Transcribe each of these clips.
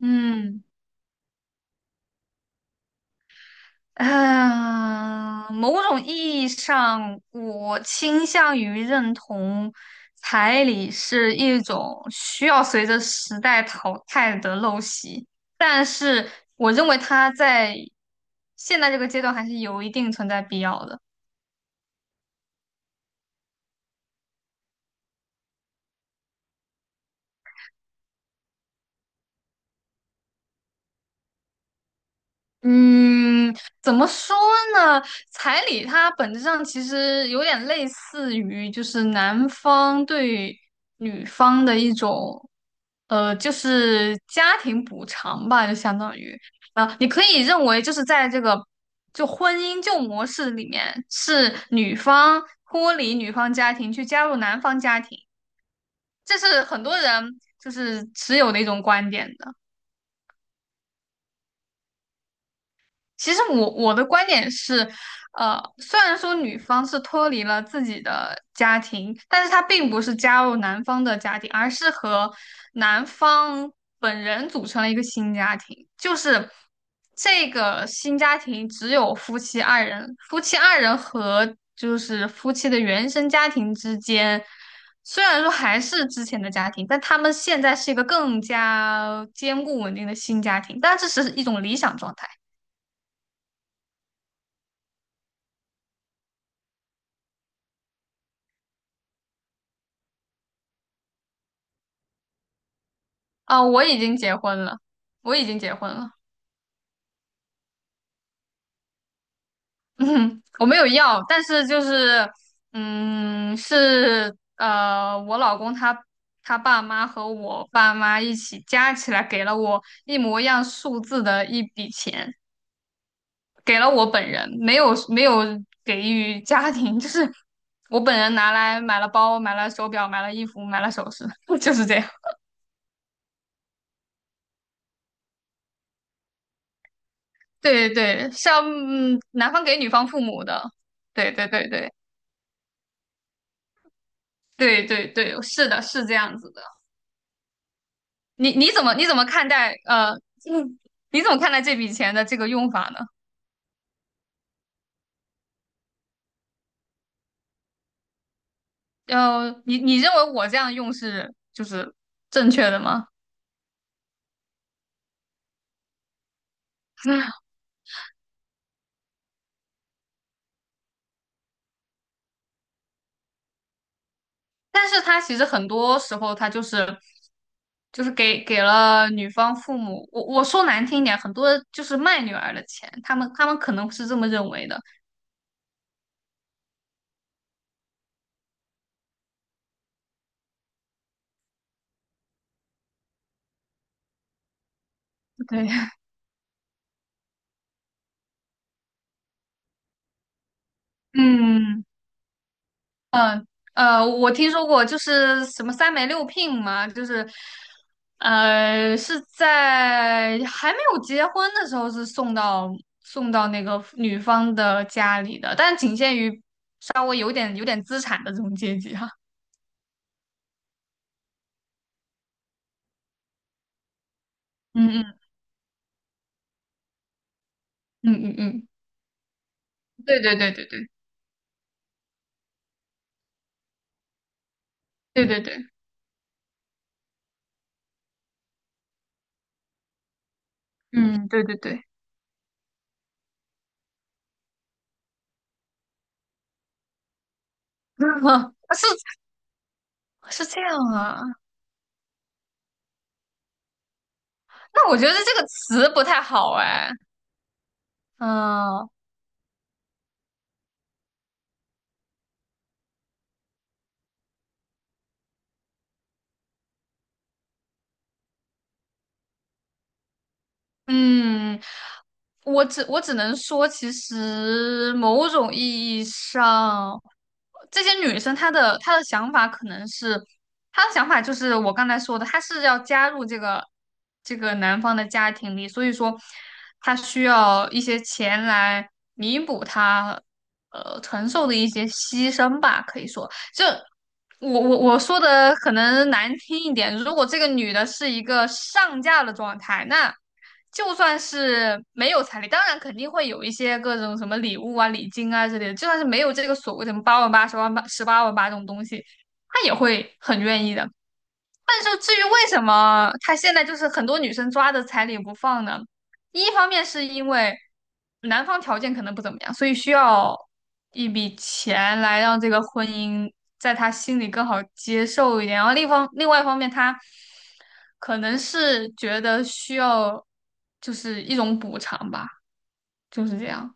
嗯嗯，呃某种意义上，我倾向于认同彩礼是一种需要随着时代淘汰的陋习，但是我认为它在现在这个阶段还是有一定存在必要的。嗯，怎么说呢？彩礼它本质上其实有点类似于，就是男方对女方的一种，呃，就是家庭补偿吧，就相当于啊，你可以认为就是在这个就婚姻旧模式里面，是女方脱离女方家庭去加入男方家庭，这是很多人就是持有的一种观点的。其实我的观点是，呃，虽然说女方是脱离了自己的家庭，但是她并不是加入男方的家庭，而是和男方本人组成了一个新家庭。就是这个新家庭只有夫妻二人，夫妻二人和就是夫妻的原生家庭之间，虽然说还是之前的家庭，但他们现在是一个更加坚固稳定的新家庭，但这只是一种理想状态。啊，我已经结婚了，我已经结婚了。嗯，我没有要，但是就是，嗯，是呃，我老公他爸妈和我爸妈一起加起来给了我一模一样数字的一笔钱，给了我本人，没有给予家庭，就是我本人拿来买了包，买了手表，买了衣服，买了首饰，就是这样。对对，像嗯男方给女方父母的。对对对对。对对对，是的，是这样子的。你怎么看待呃，嗯你怎么看待这笔钱的这个用法呢？呃，你认为我这样用是就是正确的吗？但是他其实很多时候他给了女方父母，我说难听一点，很多就是卖女儿的钱，他们可能是这么认为的。对，嗯。嗯呃，我听说过，就是什么三媒六聘嘛，就是呃是在还没有结婚的时候是送到那个女方的家里的，但仅限于稍微有点资产的这种阶级哈。嗯嗯嗯嗯嗯，对对对对对对对对，嗯对对对，是是这样啊。那我觉得这个词不太好哎，嗯。嗯，我只能说，其实某种意义上，这些女生她的想法可能是，她的想法就是我刚才说的，她是要加入这个男方的家庭里，所以说她需要一些钱来弥补她呃承受的一些牺牲吧，可以说。就我说的可能难听一点，如果这个女的是一个上架的状态，那就算是没有彩礼，当然肯定会有一些各种什么礼物啊、礼金啊之类的，就算是没有这个所谓什么八万八、十万八、十八万八这种东西，她也会很愿意的。但是至于为什么他现在就是很多女生抓着彩礼不放呢？一方面是因为男方条件可能不怎么样，所以需要一笔钱来让这个婚姻在他心里更好接受一点。然后另外一方面，他可能是觉得需要就是一种补偿吧，就是这样。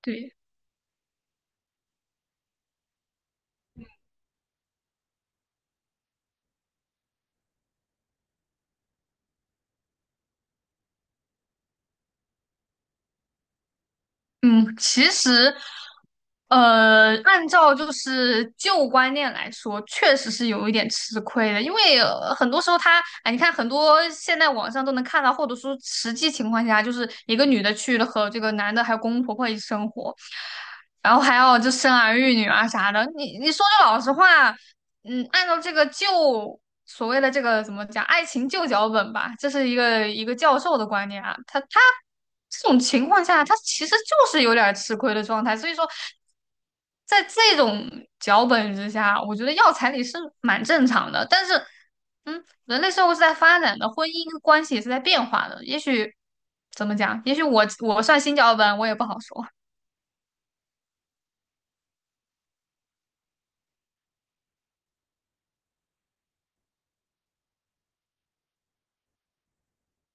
对，嗯，其实，呃，按照就是旧观念来说，确实是有一点吃亏的，因为、呃很多时候他，哎，你看很多现在网上都能看到，或者说实际情况下，就是一个女的去了和这个男的还有公公婆婆一起生活，然后还要就生儿育女啊啥的，你你说句老实话。嗯，按照这个旧所谓的这个怎么讲，爱情旧脚本吧，这是一个教授的观点啊。他这种情况下，他其实就是有点儿吃亏的状态。所以说，在这种脚本之下，我觉得要彩礼是蛮正常的。但是，嗯，人类社会是在发展的，婚姻关系也是在变化的。也许怎么讲？也许我算新脚本，我也不好说。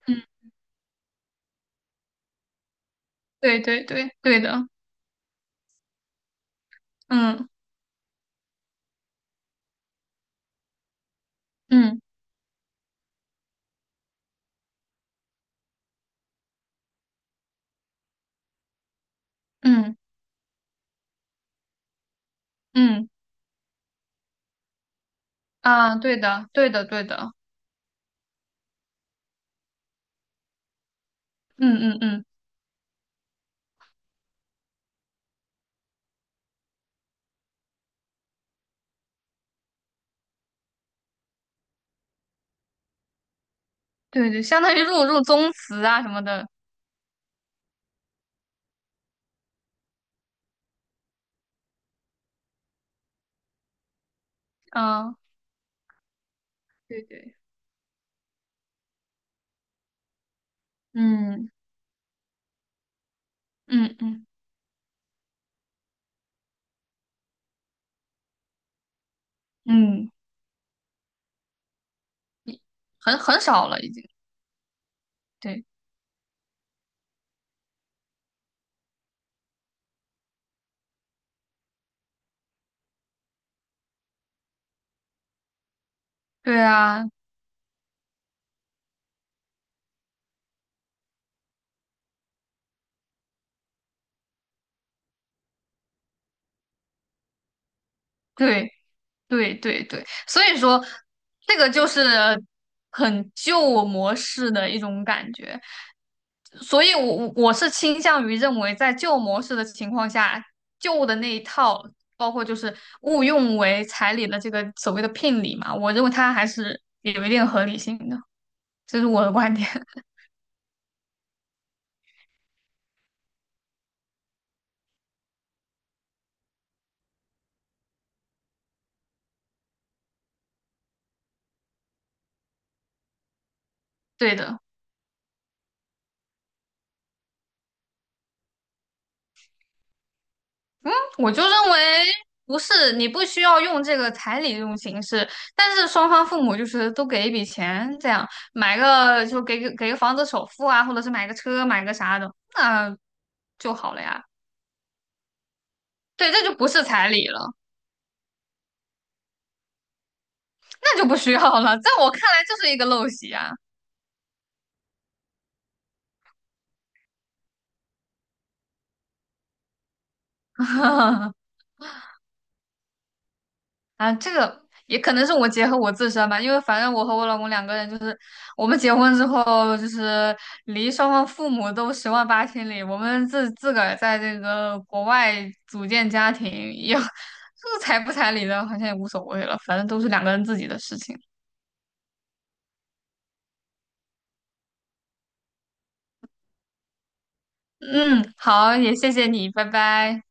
嗯，对对对对的，嗯嗯嗯嗯。啊，对的，对的，对的，嗯嗯嗯，对对，相当于入宗祠啊什么的，啊，对对，嗯嗯嗯嗯，很很少了已经，对对啊，对。对对对，所以说这个就是很旧模式的一种感觉，所以我是倾向于认为，在旧模式的情况下，旧的那一套，包括就是误用为彩礼的这个所谓的聘礼嘛，我认为它还是有一定合理性的，这是我的观点。对的。我就认为不是，你不需要用这个彩礼这种形式，但是双方父母就是都给一笔钱，这样买个就给个房子首付啊，或者是买个车买个啥的，那就好了呀。对，这就不是彩礼了，那就不需要了。在我看来，就是一个陋习啊。啊，这个也可能是我结合我自身吧，因为反正我和我老公两个人就是，我们结婚之后就是离双方父母都十万八千里，我们自个儿在这个国外组建家庭也，这个彩不彩礼的，好像也无所谓了，反正都是两个人自己的事情。嗯，好，也谢谢你，拜拜。